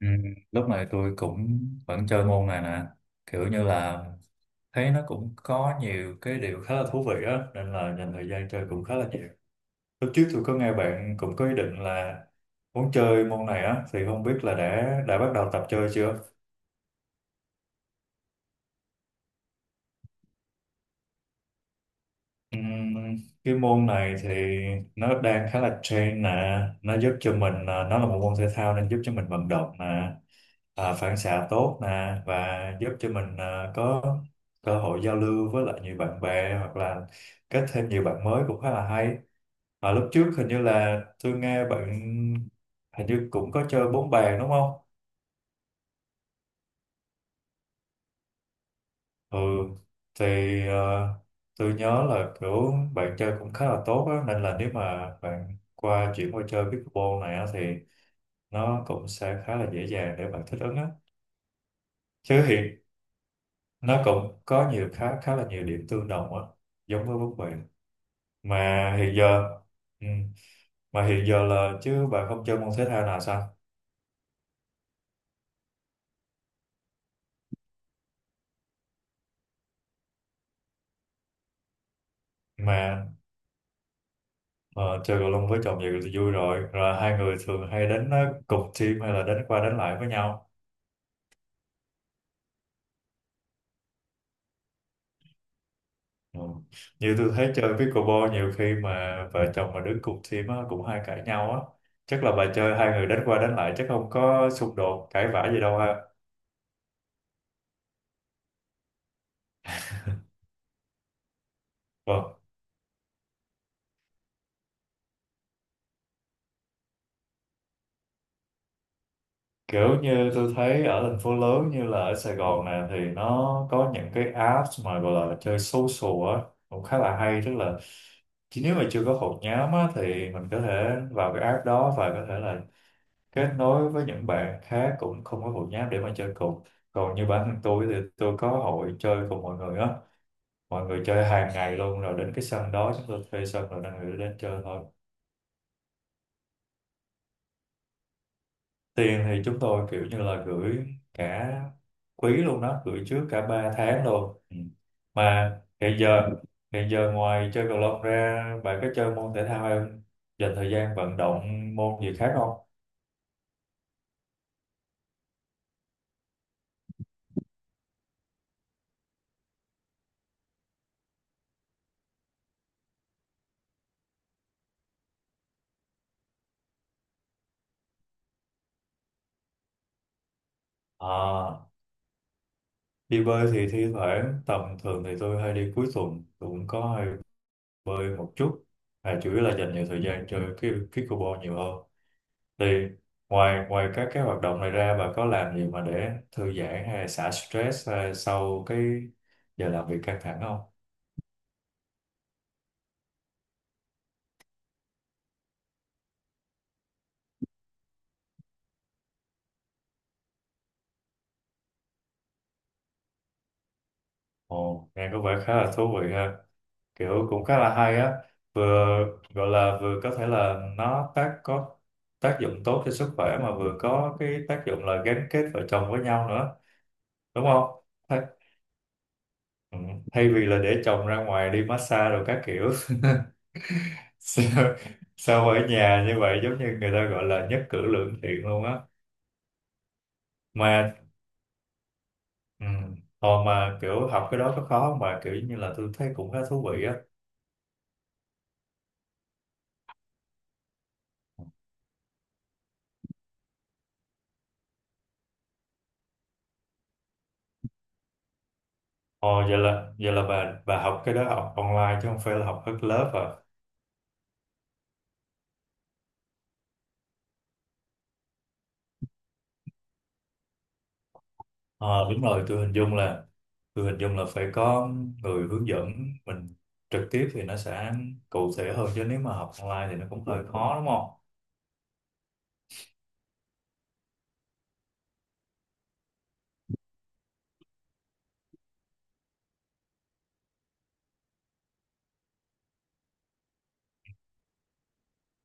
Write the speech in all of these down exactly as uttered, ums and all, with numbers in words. Ừ, lúc này tôi cũng vẫn chơi môn này nè, kiểu như là thấy nó cũng có nhiều cái điều khá là thú vị á nên là dành thời gian chơi cũng khá là nhiều. Lúc trước tôi có nghe bạn cũng có ý định là muốn chơi môn này á, thì không biết là đã đã bắt đầu tập chơi chưa. Ừm, cái môn này thì nó đang khá là trend nè, nó giúp cho mình à, nó là một môn thể thao nên giúp cho mình vận động nè, à, phản xạ tốt nè, và giúp cho mình à, có cơ hội giao lưu với lại nhiều bạn bè hoặc là kết thêm nhiều bạn mới, cũng khá là hay. À, lúc trước hình như là tôi nghe bạn hình như cũng có chơi bóng bàn đúng không? Ừ, thì ờ, tôi nhớ là kiểu bạn chơi cũng khá là tốt á, nên là nếu mà bạn qua chuyển qua chơi pickleball này á, thì nó cũng sẽ khá là dễ dàng để bạn thích ứng á. Chứ hiện nó cũng có nhiều khá khá là nhiều điểm tương đồng á, giống với bóng bàn. Mà hiện giờ, ừ, mà hiện giờ là chứ bạn không chơi môn thể thao nào sao? mà ờ, Chơi cầu lông với chồng vậy thì vui rồi, rồi hai người thường hay đánh ờ, cùng team hay là đánh qua đánh lại với nhau? Ừ. Như tôi thấy chơi pickleball nhiều khi mà vợ chồng mà đứng cùng team á, cũng hay cãi nhau á. Chắc là bà chơi hai người đánh qua đánh lại chắc không có xung đột, cãi vã gì đâu ha. Vâng, kiểu như tôi thấy ở thành phố lớn như là ở Sài Gòn này thì nó có những cái apps mà gọi là chơi social á, cũng khá là hay. Tức là chỉ nếu mà chưa có hội nhóm á, thì mình có thể vào cái app đó và có thể là kết nối với những bạn khác cũng không có hội nhóm để mà chơi cùng. Còn như bản thân tôi thì tôi có hội chơi cùng mọi người á, mọi người chơi hàng ngày luôn, rồi đến cái sân đó chúng tôi thuê sân rồi đang gửi đến chơi thôi. Tiền thì chúng tôi kiểu như là gửi cả quý luôn đó, gửi trước cả ba tháng luôn. Ừ. mà hiện giờ Hiện giờ ngoài chơi cầu lông ra bạn có chơi môn thể thao hay không, dành thời gian vận động môn gì khác không? À, đi bơi thì thi thoảng, tầm thường thì tôi hay đi cuối tuần, tôi cũng có hay bơi một chút. À, chủ yếu là dành nhiều thời gian chơi cái pickleball nhiều hơn. Thì ngoài ngoài các cái hoạt động này ra, bà có làm gì mà để thư giãn hay là xả stress à, sau cái giờ làm việc căng thẳng không? Ồ, nghe có vẻ khá là thú vị ha. Kiểu cũng khá là hay á, vừa gọi là vừa có thể là nó tác có tác dụng tốt cho sức khỏe, mà vừa có cái tác dụng là gắn kết vợ chồng với nhau nữa, đúng không? Ừ. Thay vì là để chồng ra ngoài đi massage rồi các kiểu sao, sao ở nhà như vậy giống như người ta gọi là nhất cử lưỡng tiện luôn á. mà ừ, hồi mà kiểu học cái đó có khó không bà, kiểu như là tôi thấy cũng khá thú vị á. Ồ, vậy là vậy là bà bà học cái đó học online chứ không phải là học hết lớp à? Ờ, đúng rồi. Tôi hình dung là tôi hình dung là phải có người hướng dẫn mình trực tiếp thì nó sẽ cụ thể hơn, chứ nếu mà học online thì nó cũng hơi khó đúng không.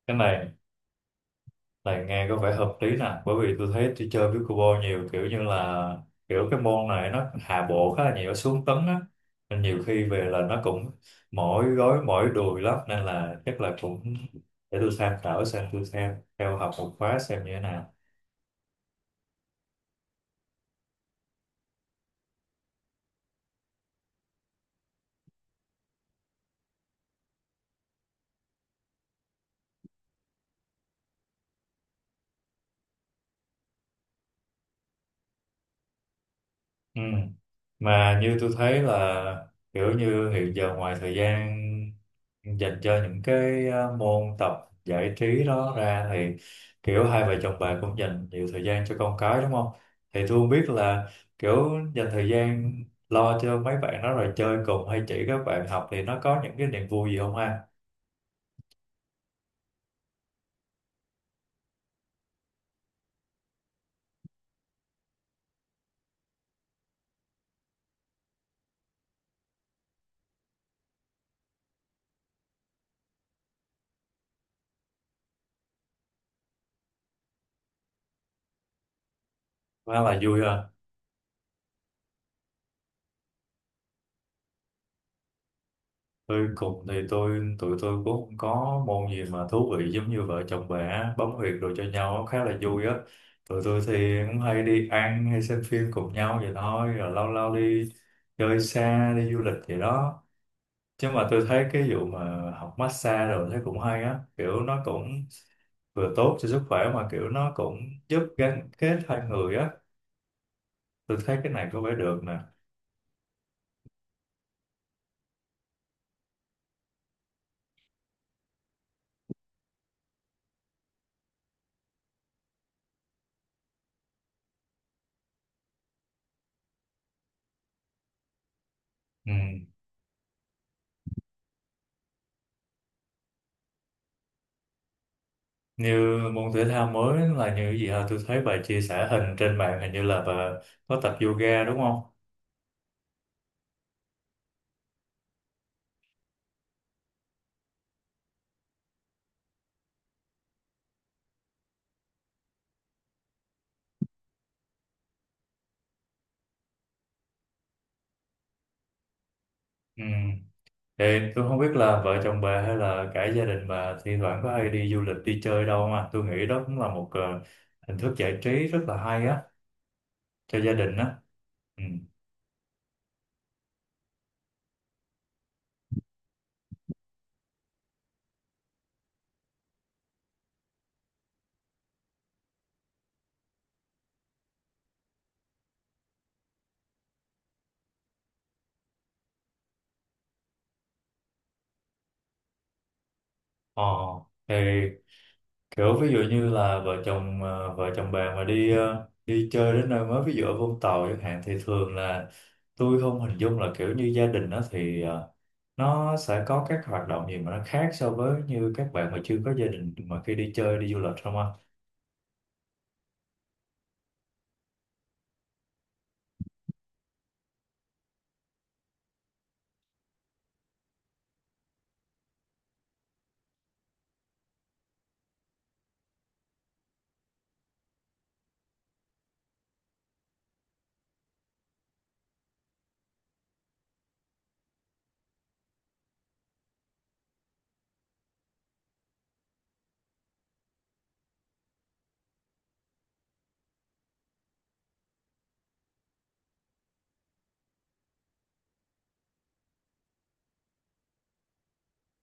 Cái này Này nghe có vẻ hợp lý nè, bởi vì tôi thấy tôi chơi pickleball nhiều kiểu như là kiểu cái môn này nó hạ bộ khá là nhiều, nó xuống tấn á, nên nhiều khi về là nó cũng mỏi gối mỏi đùi lắm, nên là chắc là cũng để tôi tham khảo xem, tôi xem theo học một khóa xem như thế nào. Ừ. Mà như tôi thấy là kiểu như hiện giờ ngoài thời gian dành cho những cái ờ, môn tập giải trí đó ra, thì kiểu hai vợ chồng bà cũng dành nhiều thời gian cho con cái đúng không? Thì tôi không biết là kiểu dành thời gian lo cho mấy bạn đó rồi chơi cùng hay chỉ các bạn học thì nó có những cái niềm vui gì không ha? Nó là vui ha. Tôi cùng thì tôi Tụi tôi cũng không có môn gì mà thú vị giống như vợ chồng bè bấm huyệt đồ cho nhau, nó khá là vui á. Tụi tôi thì cũng hay đi ăn hay xem phim cùng nhau vậy thôi, rồi lâu lâu đi chơi xa, đi du lịch vậy đó. Chứ mà tôi thấy cái vụ mà học massage rồi thấy cũng hay á, kiểu nó cũng vừa tốt cho sức khỏe, mà kiểu nó cũng giúp gắn kết hai người á, tôi thấy cái này có vẻ được nè. Ừ. Như môn thể thao mới là như cái gì hả? Tôi thấy bà chia sẻ hình trên mạng, hình như là bà có tập yoga đúng không. Ừ. Thì tôi không biết là vợ chồng bà hay là cả gia đình bà thi thoảng có hay đi du lịch, đi chơi đâu, mà tôi nghĩ đó cũng là một ờ, hình thức giải trí rất là hay á cho gia đình á. Ừ. Ờ. Thì kiểu ví dụ như là vợ chồng ờ, vợ chồng bạn mà đi ờ, đi chơi đến nơi mới ví dụ ở Vũng Tàu chẳng hạn, thì thường là tôi không hình dung là kiểu như gia đình đó thì ờ, nó sẽ có các hoạt động gì mà nó khác so với như các bạn mà chưa có gia đình mà khi đi chơi đi du lịch không anh.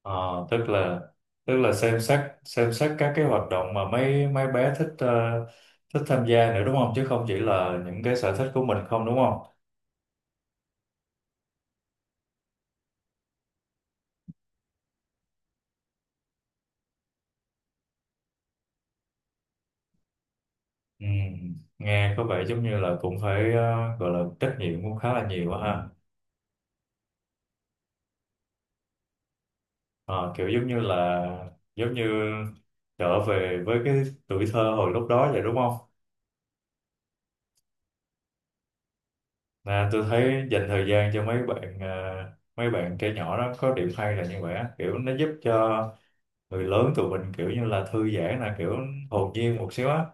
Ờ, tức là tức là xem xét xem xét các cái hoạt động mà mấy mấy bé thích ờ, thích tham gia nữa, đúng không, chứ không chỉ là những cái sở thích của mình không, đúng không. Ừ, nghe có vẻ giống như là cũng phải ờ, gọi là trách nhiệm cũng khá là nhiều á ha. Ờ, kiểu giống như là giống như trở về với cái tuổi thơ hồi lúc đó vậy đúng không. À, tôi thấy dành thời gian cho mấy bạn ờ, mấy bạn trẻ nhỏ đó có điểm hay là như vậy á, kiểu nó giúp cho người lớn tụi mình kiểu như là thư giãn, là kiểu hồn nhiên một xíu á,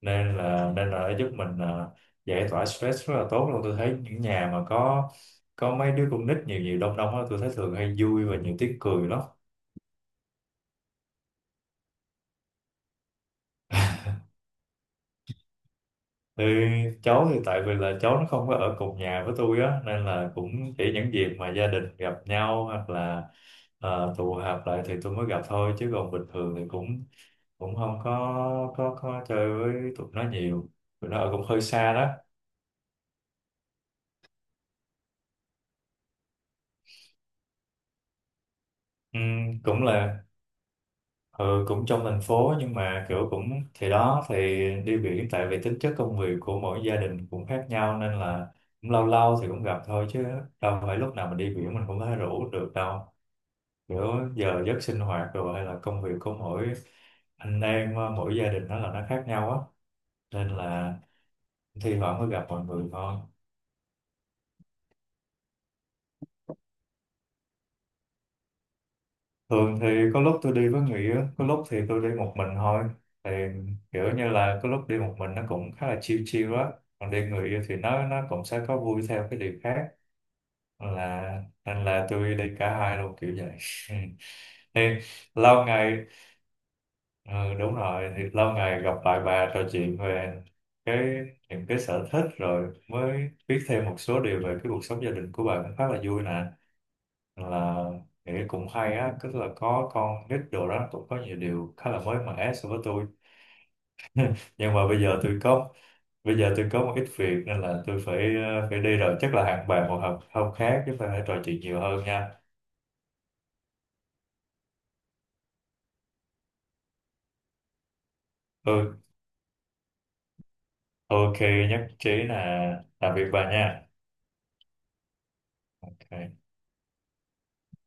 nên là nên là nó giúp mình à, giải tỏa stress rất là tốt luôn. Tôi thấy những nhà mà có có mấy đứa con nít nhiều nhiều đông đông á, tôi thấy thường hay vui và nhiều tiếng cười lắm. Thì cháu thì tại vì là cháu nó không có ở cùng nhà với tôi á, nên là cũng chỉ những dịp mà gia đình gặp nhau hoặc là ờ, tụ họp lại thì tôi mới gặp thôi, chứ còn bình thường thì cũng cũng không có có có chơi với tụi nó nhiều. Tụi nó ở cũng hơi xa đó. Ừm, cũng là Ừ, cũng trong thành phố nhưng mà kiểu cũng thì đó thì đi biển, tại vì tính chất công việc của mỗi gia đình cũng khác nhau nên là cũng lâu lâu thì cũng gặp thôi, chứ đâu phải lúc nào mình đi biển mình cũng có thể rủ được đâu. Kiểu giờ giấc sinh hoạt rồi hay là công việc của mỗi anh em mỗi gia đình nó là nó khác nhau á, nên là thi thoảng mới gặp mọi người thôi. Thường thì có lúc tôi đi với người yêu, có lúc thì tôi đi một mình thôi. Thì kiểu như là có lúc đi một mình nó cũng khá là chill chill á. Còn đi người yêu thì nó nó cũng sẽ có vui theo cái điều khác. Là nên là tôi đi cả hai luôn kiểu vậy. Thì lâu ngày, ừ, đúng rồi, thì lâu ngày gặp lại bà trò chuyện về cái những cái sở thích, rồi mới biết thêm một số điều về cái cuộc sống gia đình của bà cũng khá là vui nè. Là nghĩ cũng hay á, tức là có con nít đồ đó cũng có nhiều điều khá là mới mẻ so với tôi. Nhưng mà bây giờ tôi có bây giờ tôi có một ít việc nên là tôi phải ờ, phải đi rồi, chắc là hẹn bạn một hôm, hôm khác chúng ta hãy trò chuyện nhiều hơn nha. Ừ, ok, nhất trí, là tạm biệt bà nha. Ok.